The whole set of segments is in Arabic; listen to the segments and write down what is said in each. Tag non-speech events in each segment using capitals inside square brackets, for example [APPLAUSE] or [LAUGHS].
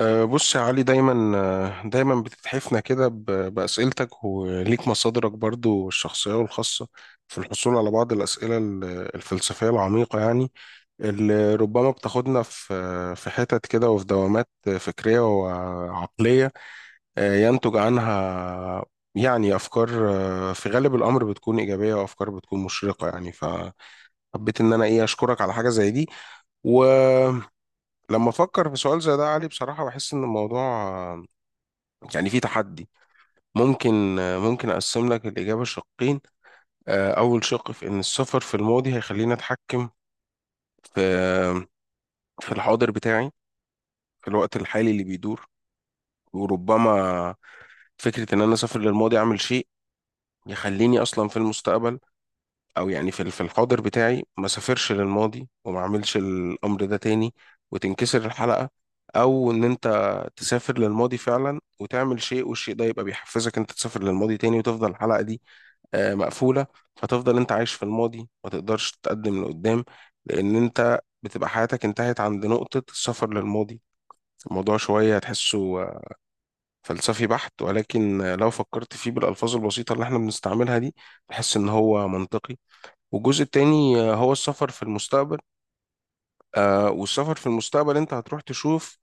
بص يا علي، دايما بتتحفنا كده بأسئلتك، وليك مصادرك برضو الشخصية والخاصة في الحصول على بعض الأسئلة الفلسفية العميقة يعني، اللي ربما بتاخدنا في حتت كده وفي دوامات فكرية وعقلية. ينتج عنها يعني أفكار، في غالب الأمر بتكون إيجابية، وأفكار بتكون مشرقة يعني. فحبيت إن أنا إيه أشكرك على حاجة زي دي. ولما افكر في سؤال زي ده يا علي، بصراحة بحس ان الموضوع يعني في تحدي. ممكن ممكن أقسم لك الإجابة شقين. أول شق في إن السفر في الماضي هيخليني أتحكم في في الحاضر بتاعي، في الوقت الحالي اللي بيدور. وربما فكرة إن أنا أسافر للماضي أعمل شيء يخليني أصلا في المستقبل، أو يعني في الحاضر بتاعي ما سافرش للماضي وما أعملش الأمر ده تاني، وتنكسر الحلقة. أو إن أنت تسافر للماضي فعلا وتعمل شيء، والشيء ده يبقى بيحفزك أنت تسافر للماضي تاني، وتفضل الحلقة دي مقفولة. فتفضل انت عايش في الماضي، ما تقدرش تتقدم لقدام، لان انت بتبقى حياتك انتهت عند نقطة السفر للماضي. الموضوع شوية تحسه فلسفي بحت، ولكن لو فكرت فيه بالألفاظ البسيطة اللي احنا بنستعملها دي، تحس ان هو منطقي. والجزء التاني هو السفر في المستقبل. والسفر في المستقبل انت هتروح تشوف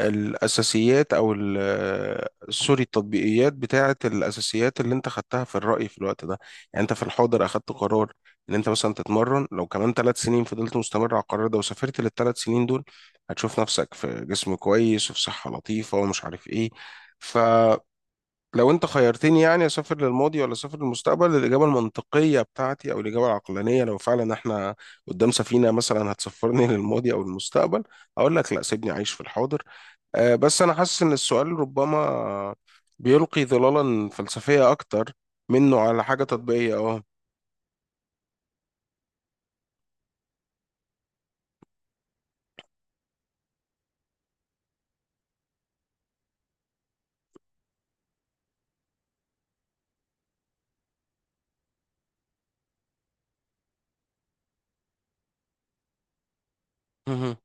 الأساسيات، أو سوري، التطبيقيات بتاعة الأساسيات اللي أنت خدتها في الرأي في الوقت ده. يعني أنت في الحاضر أخدت قرار إن أنت مثلا تتمرن، لو كمان 3 سنين فضلت مستمر على القرار ده وسافرت لل3 سنين دول، هتشوف نفسك في جسم كويس وفي صحة لطيفة ومش عارف إيه. فلو أنت خيرتني يعني أسافر للماضي ولا أسافر للمستقبل، الإجابة المنطقية بتاعتي أو الإجابة العقلانية، لو فعلا إحنا قدام سفينة مثلا هتسفرني [LAUGHS] للماضي أو المستقبل، أقول لك لا، سيبني أعيش في الحاضر. بس أنا حاسس إن السؤال ربما بيلقي ظلالا فلسفية أكتر منه على حاجة تطبيقية مهم،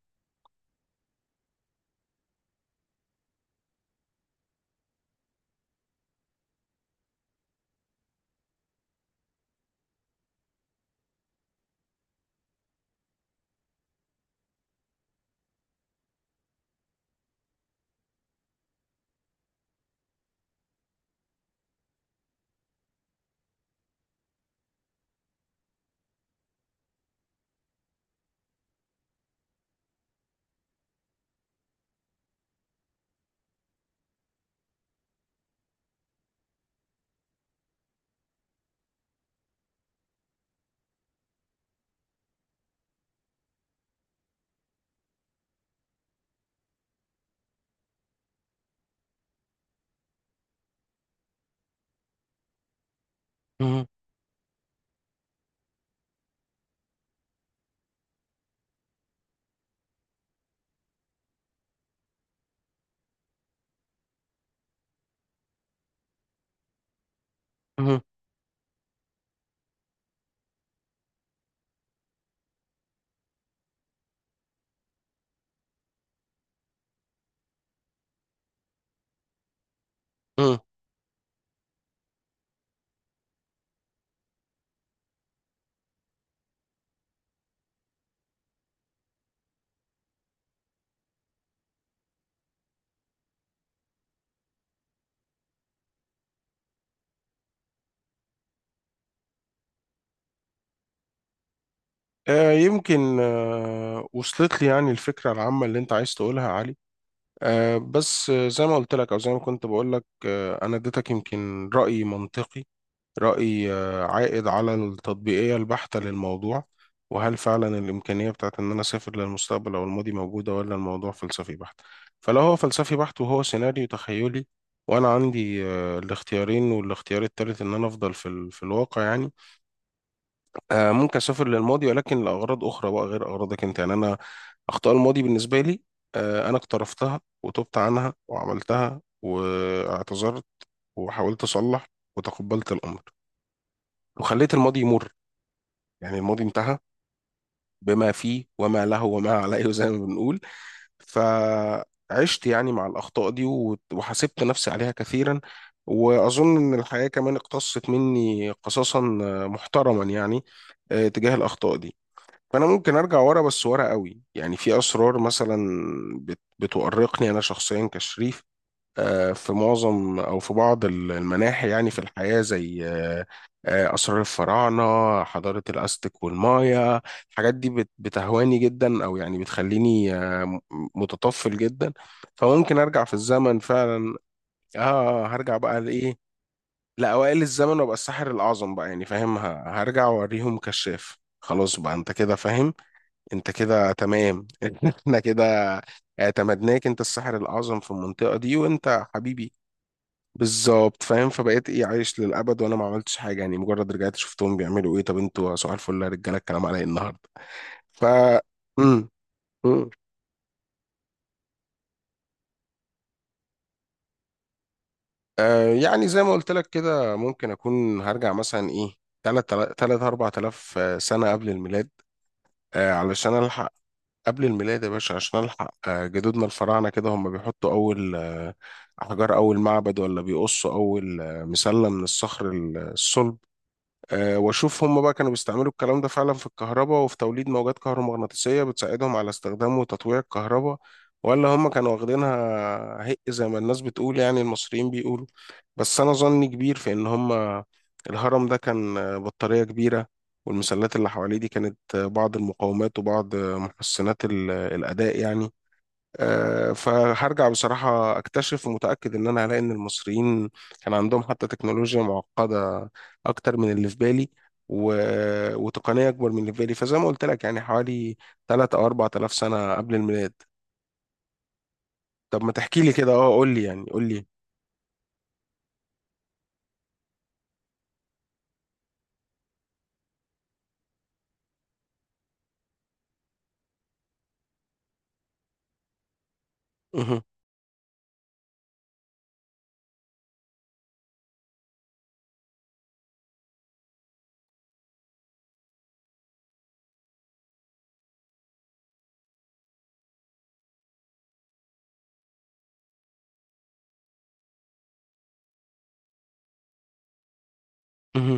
مهم، مهم، مهم. يمكن وصلت لي يعني الفكرة العامة اللي أنت عايز تقولها يا علي. بس زي ما قلت لك أو زي ما كنت بقول لك، أنا اديتك يمكن رأي منطقي، رأي عائد على التطبيقية البحتة للموضوع. وهل فعلا الإمكانية بتاعت إن أنا أسافر للمستقبل أو الماضي موجودة، ولا الموضوع فلسفي بحت؟ فلو هو فلسفي بحت وهو سيناريو تخيلي، وأنا عندي الاختيارين، والاختيار التالت إن أنا أفضل في الواقع يعني. ممكن أسافر للماضي، ولكن لأغراض أخرى بقى غير أغراضك أنت. يعني أنا، أخطاء الماضي بالنسبة لي، أنا اقترفتها وتبت عنها وعملتها واعتذرت، وحاولت أصلح، وتقبلت الأمر، وخليت الماضي يمر. يعني الماضي انتهى بما فيه وما له وما عليه [LAUGHS] زي ما بنقول. فعشت يعني مع الأخطاء دي وحاسبت نفسي عليها كثيرا. وأظن إن الحياة كمان اقتصت مني قصاصا محترما يعني، تجاه الأخطاء دي. فأنا ممكن أرجع ورا، بس ورا قوي. يعني في أسرار مثلا بتؤرقني أنا شخصيا كشريف، في معظم أو في بعض المناحي يعني في الحياة، زي أسرار الفراعنة، حضارة الأزتك والمايا. الحاجات دي بتهواني جدا، أو يعني بتخليني متطفل جدا. فممكن أرجع في الزمن فعلا. هرجع بقى لإيه؟ لأوائل الزمن، وأبقى الساحر الأعظم بقى، يعني فاهم. هرجع وأوريهم كشاف، خلاص بقى. أنت كده فاهم، أنت كده تمام [LAUGHS] إحنا كده اعتمدناك أنت الساحر الأعظم في المنطقة دي، وأنت حبيبي، بالظبط، فاهم. فبقيت ايه، عايش للابد وانا ما عملتش حاجه، يعني مجرد رجعت شفتهم بيعملوا ايه. طب انتوا صباح الفل يا رجاله، الكلام على ايه النهارده؟ ف امم. امم. يعني زي ما قلت لك كده، ممكن اكون هرجع مثلا ايه، 3، 3، 4000 سنه قبل الميلاد، علشان الحق. قبل الميلاد يا باشا، عشان الحق جدودنا الفراعنه كده هم بيحطوا اول احجار، اول معبد، ولا بيقصوا اول مسله من الصخر الصلب. واشوف هم بقى كانوا بيستعملوا الكلام ده فعلا في الكهرباء، وفي توليد موجات كهرومغناطيسية بتساعدهم على استخدام وتطويع الكهرباء، ولا هم كانوا واخدينها هق زي ما الناس بتقول، يعني المصريين بيقولوا. بس انا ظني كبير في ان هم، الهرم ده كان بطارية كبيرة، والمسلات اللي حواليه دي كانت بعض المقاومات وبعض محسنات الأداء يعني. فهرجع بصراحة أكتشف، ومتأكد إن أنا هلاقي إن المصريين كان عندهم حتى تكنولوجيا معقدة أكتر من اللي في بالي، و... وتقنية أكبر من اللي في بالي. فزي ما قلت لك يعني، حوالي 3 أو 4000 سنة قبل الميلاد. طب ما تحكي لي كده. قول لي يعني، قول لي. مه، مه،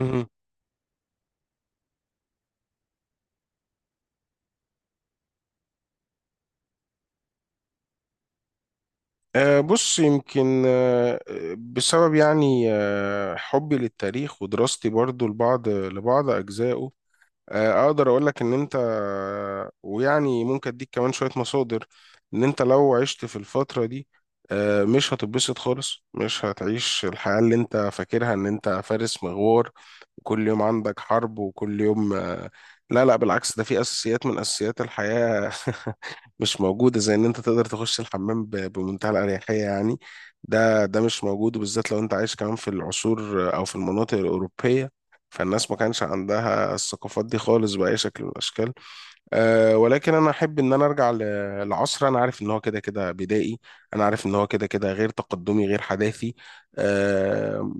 مه. بص، يمكن بسبب يعني حبي للتاريخ، ودراستي برضو لبعض أجزائه، اقدر اقول لك ان انت، ويعني ممكن اديك كمان شوية مصادر، ان انت لو عشت في الفترة دي، مش هتتبسط خالص. مش هتعيش الحياة اللي انت فاكرها ان انت فارس مغوار، وكل يوم عندك حرب، وكل يوم لا لا، بالعكس. ده في اساسيات من اساسيات الحياة [LAUGHS] مش موجودة، زي ان انت تقدر تخش الحمام بمنتهى الأريحية يعني. ده مش موجود، وبالذات لو انت عايش كمان في العصور او في المناطق الأوروبية. فالناس ما كانش عندها الثقافات دي خالص بأي شكل من الأشكال. ولكن انا احب ان انا ارجع لعصر انا عارف ان هو كده كده بدائي، انا عارف ان هو كده كده غير تقدمي غير حداثي أه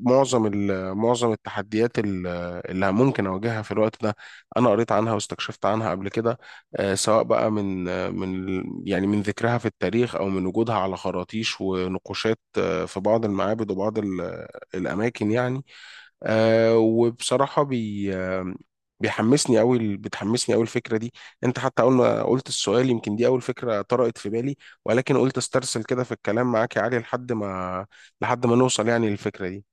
معظم التحديات اللي ممكن اواجهها في الوقت ده، انا قريت عنها واستكشفت عنها قبل كده. سواء بقى من يعني من ذكرها في التاريخ، او من وجودها على خراطيش ونقوشات، في بعض المعابد وبعض الاماكن يعني. وبصراحة بي آه بيحمسني أوي بتحمسني أوي الفكرة دي. أنت حتى أول ما قلت السؤال، يمكن دي أول فكرة طرقت في بالي، ولكن قلت استرسل كده في الكلام معاك يا علي، لحد ما نوصل يعني للفكرة دي.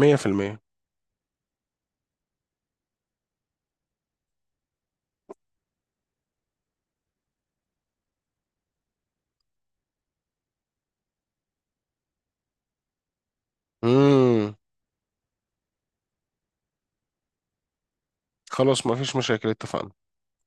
100%. امم. خلاص، ما فيش مشاكل، اتفقنا.